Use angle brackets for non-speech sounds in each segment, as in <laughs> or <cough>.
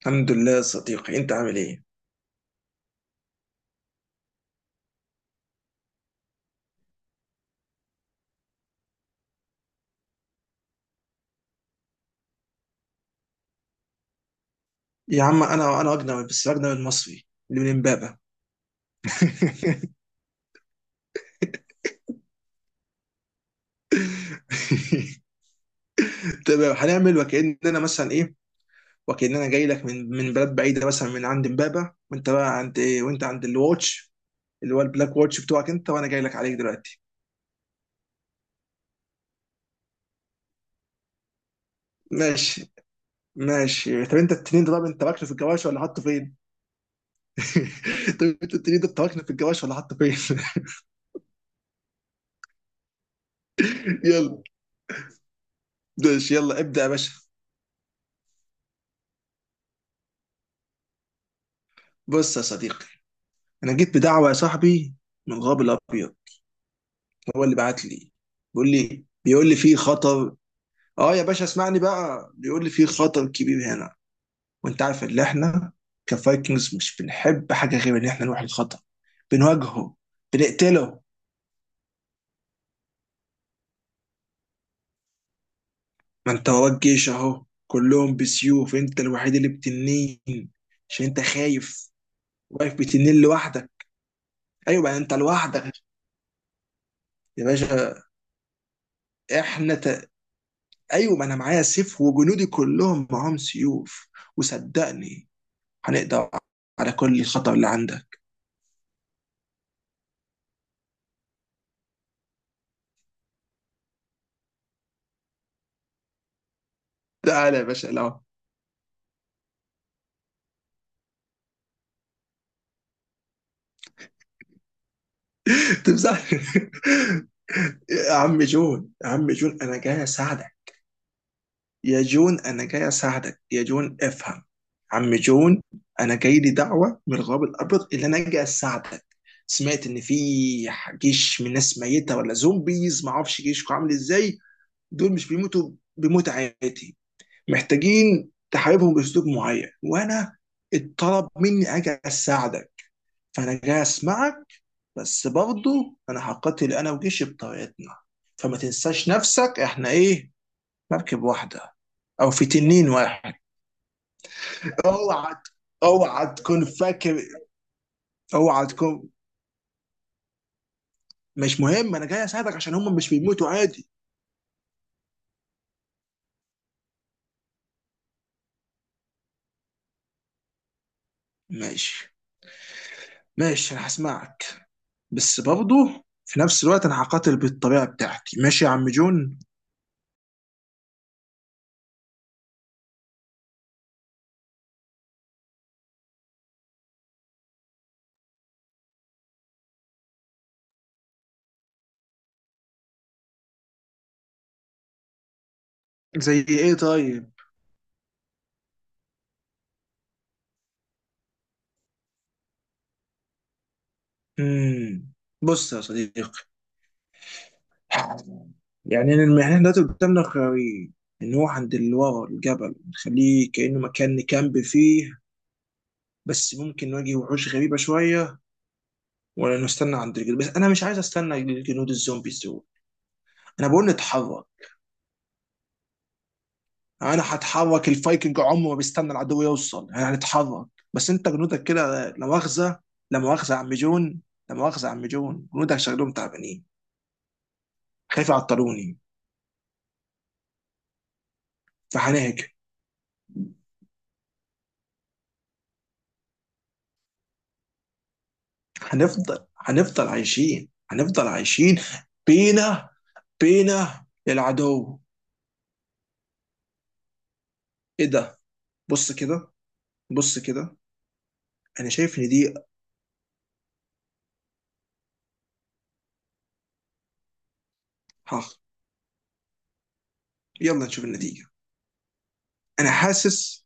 الحمد لله يا صديقي، انت عامل ايه؟ يا عم، انا اجنبي، بس اجنبي المصري اللي من امبابه. <laughs> تمام، هنعمل وكاننا مثلا ايه، وكاننا جاي لك من بلد بعيده، مثلا من عند امبابه. وانت بقى عند ايه؟ وانت عند الواتش اللي هو البلاك واتش بتوعك، انت وانا جاي لك عليك دلوقتي. ماشي، ماشي. طب انت تركنه في الجواش ولا حاطه فين؟ <laughs> طب انت التنين ده تركنه في الجواش ولا حاطه فين؟ <laughs> يلا. ماشي، يلا ابدا يا باشا. بص يا صديقي، انا جيت بدعوه يا صاحبي، من الغاب الابيض، هو اللي بعت لي، بيقول لي في خطر. اه يا باشا، اسمعني بقى، بيقول لي في خطر كبير هنا. وانت عارف ان احنا كفايكنجز مش بنحب حاجه غير ان احنا نروح الخطر، بنواجهه، بنقتله. ما انت وراك جيش اهو كلهم بسيوف، انت الوحيد اللي بتنين، عشان انت خايف، واقف بتنين لوحدك. ايوه بقى، انت لوحدك. يا باشا، احنا ت... ايوه، ما انا معايا سيف وجنودي كلهم معاهم سيوف، وصدقني، هنقضي على كل الخطر اللي عندك. تعالى يا باشا، لا. تمسح. <laughs> يا عم جون، يا عم جون، انا جاي اساعدك. يا جون، انا جاي اساعدك يا جون، افهم. عم جون، انا جاي لي دعوه من الغرب الابيض اللي انا جاي اساعدك. سمعت ان في جيش من ناس ميته، ولا زومبيز، ما اعرفش جيشكم عامل ازاي. دول مش بيموتوا، بموت عادي، محتاجين تحاربهم باسلوب معين، وانا اتطلب مني اجي اساعدك، فانا جاي اسمعك. بس برضه انا هقاتل انا وجيشي بطريقتنا، فما تنساش نفسك، احنا ايه؟ مركب واحده، او في تنين واحد. اوعى اوعى تكون فاكر. اوعى تكون مش مهم، انا جاي اساعدك عشان هم مش بيموتوا عادي. ماشي، ماشي، انا هسمعك. بس برضه في نفس الوقت انا هقاتل بالطريقه بتاعتي، ماشي يا عم جون؟ زي ايه طيب؟ امم بص يا صديقي، يعني إن احنا دلوقتي قدامنا خيارين: ان هو عند اللي ورا الجبل نخليه كأنه مكان نكامب فيه، بس ممكن نواجه وحوش غريبة شوية، ولا نستنى عند الجنود. بس انا مش عايز استنى الجنود الزومبيز دول. انا بقول نتحرك. انا هتحرك، الفايكنج عمره ما بيستنى العدو يوصل، احنا هنتحرك. بس انت جنودك كده لا مؤاخذة، لا مؤاخذة يا عم جون، لا مؤاخذة يا عم جون، جنودك شكلهم تعبانين، خايف يعطلوني، فهنهجم. هنفضل عايشين، هنفضل عايشين. بينا بينا العدو. ايه ده؟ بص كده بص كده، انا شايف ان دي. ها، يلا نشوف النتيجه. انا حاسس.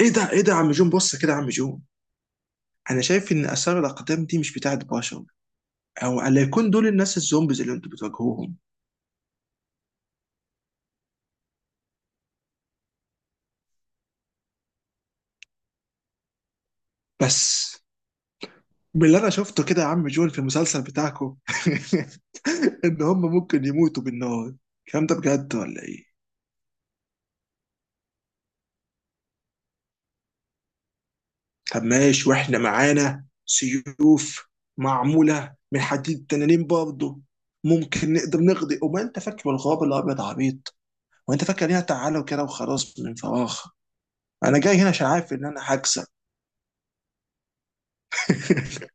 ايه ده يا عم جون، بص كده يا عم جون، انا شايف ان اثار الاقدام دي مش بتاعت بشر، او الا يكون دول الناس الزومبيز اللي انتوا بتواجهوهم. بس باللي انا شفته كده يا عم جون في المسلسل بتاعكم، <laughs> ان هم ممكن يموتوا بالنار، الكلام ده بجد ولا ايه؟ طب ماشي، واحنا معانا سيوف معموله من حديد تنانين برضه، ممكن نقدر نقضي. وما انت فاكر الغاب الابيض عبيط، وانت فاكر ليها تعالى وكده وخلاص من فراغ. انا جاي هنا عشان عارف ان انا هكسب. <laughs>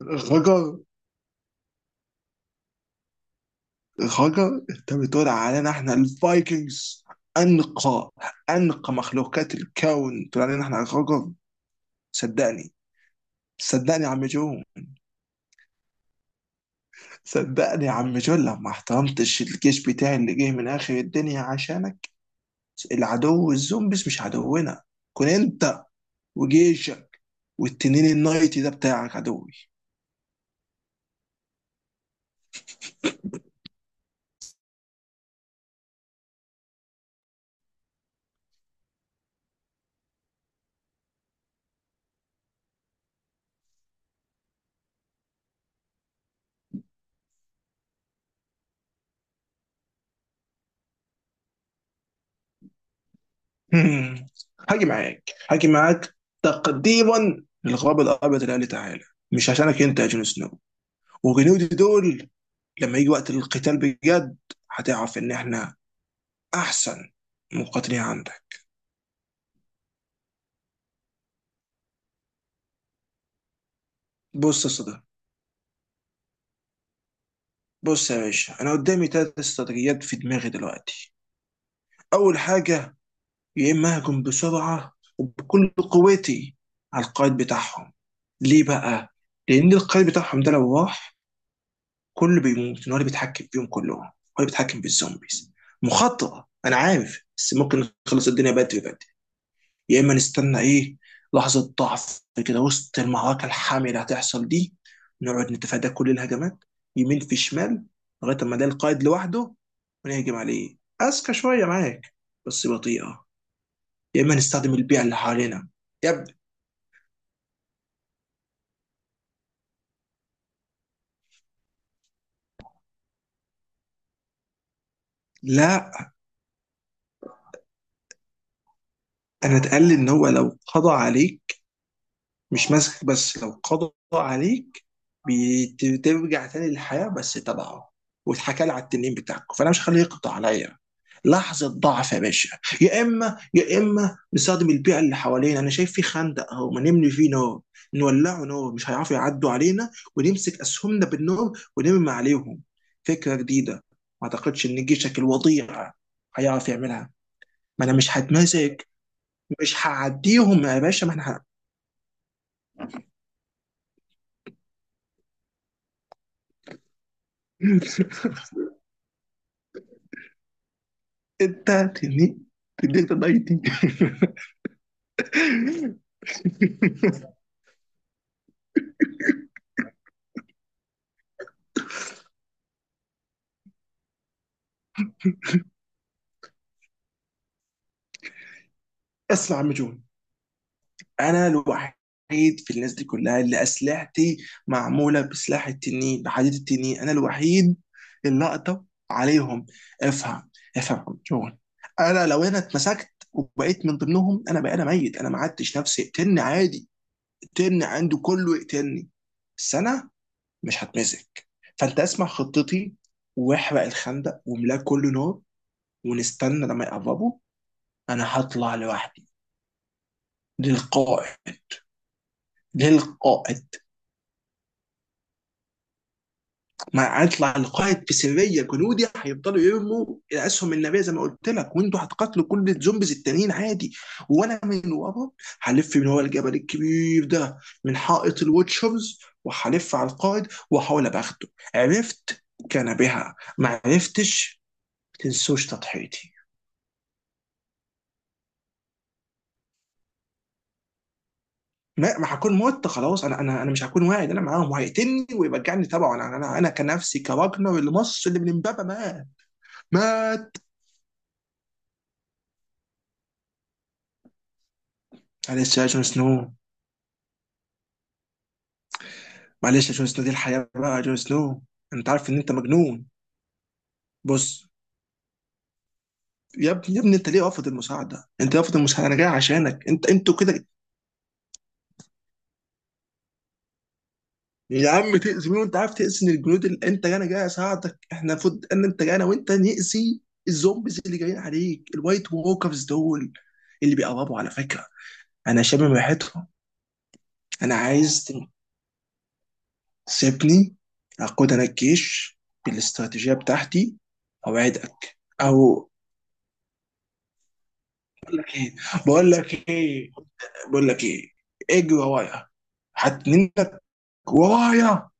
غجر، غجر؟ انت بتقول علينا احنا الفايكنجز؟ انقى انقى مخلوقات الكون تقول علينا احنا غجر؟ صدقني صدقني يا عم جو. صدقني يا عم جول، لو ما احترمتش الجيش بتاعي اللي جه من اخر الدنيا عشانك، العدو الزومبيز مش عدونا، كن انت وجيشك والتنين النايتي ده بتاعك عدوي. هم. هاجي معاك، تقديما للغراب الابيض اللي قال لي تعالى، مش عشانك انت يا جون سنو. وجنودي دول لما يجي وقت القتال بجد، هتعرف ان احنا احسن مقاتلين عندك. بص يا صدى بص يا باشا، انا قدامي ثلاث استراتيجيات في دماغي دلوقتي. اول حاجه، يا اما اهجم بسرعه وبكل قوتي على القائد بتاعهم. ليه بقى؟ لان القائد بتاعهم ده لو راح، كله بيموت، إن هو اللي بيتحكم فيهم كلهم، هو اللي بيتحكم بالزومبيز. مخاطره انا عارف، بس ممكن نخلص الدنيا بدري بدري. يا اما نستنى ايه؟ لحظه ضعف، كده وسط المعركه الحاميه اللي هتحصل دي، نقعد نتفادى كل الهجمات يمين في شمال، لغايه ما ده القائد لوحده، ونهجم عليه. اذكى شويه معاك، بس بطيئه. يا اما نستخدم البيئه اللي حوالينا. يا ابني، لا. انا اتقال ان هو لو قضى عليك، مش ماسكك بس لو قضى عليك، بترجع تاني للحياه بس تبعه. واتحكى لي على التنين بتاعكم، فانا مش هخليه يقضى عليا. لحظه ضعف يا باشا. يا اما نستخدم البيئه اللي حوالينا، انا شايف في خندق اهو، ما نملي فيه نار، نولعه نار، مش هيعرفوا يعدوا علينا، ونمسك اسهمنا بالنار ونرمي عليهم. فكره جديده، ما اعتقدش ان جيشك الوضيع هيعرف يعملها. ما انا مش هتمازج، مش هعديهم يا باشا، ما انا ه- <laughs> انت تني تديك تضايقتي. <laughs> اسمع يا عم جون، انا الوحيد في الناس دي كلها اللي اسلحتي معموله بسلاح التنين، بحديد التنين، انا الوحيد اللي اقدر عليهم. افهم، افهم يا عم جون. انا لو انا اتمسكت وبقيت من ضمنهم، انا بقى انا ميت، انا ما عدتش نفسي، اقتلني عادي، اقتلني، عنده كله يقتلني، بس انا مش هتمسك. فانت اسمع خطتي، واحرق الخندق واملاه كله نار، ونستنى لما يقربوا. انا هطلع لوحدي للقائد، للقائد. ما هطلع القائد في سريه، جنودي هيفضلوا يرموا الاسهم النبيه زي ما قلت لك، وانتوا هتقاتلوا كل الزومبيز التانيين عادي، وانا من ورا هلف من ورا الجبل الكبير ده، من حائط الوتشرز، وهلف على القائد واحاول ابقى اخده. عرفت كان بها، ما عرفتش تنسوش تضحيتي. ما هكون مت خلاص. انا مش هكون واعي إن انا معاهم، وهيقتلني ويرجعني تبعه. انا كنفسي كراجنر اللي مص اللي من امبابه مات. مات. معلش يا جون سنو، معلش يا جون سنو، دي الحياه بقى يا جون سنو. انت عارف ان انت مجنون. بص. يا ابني، يا ابني، انت ليه رافض المساعده؟ انت رافض المساعده، انا جاي عشانك انت. انتوا كده. يا عم، تاذي مين وانت عارف؟ تاذي الجنود اللي انت جاي، انا جاي اساعدك، احنا المفروض ان انت جاي انا وانت ناذي الزومبيز اللي جايين عليك، الوايت ووكرز دول اللي بيقربوا على فكره. انا شامم ريحتهم. انا عايز تسيبني اقود انا الجيش بالاستراتيجيه بتاعتي. اوعدك او. بقول لك ايه بقول لك ايه، اجري ورايا، هتنينك ورايا.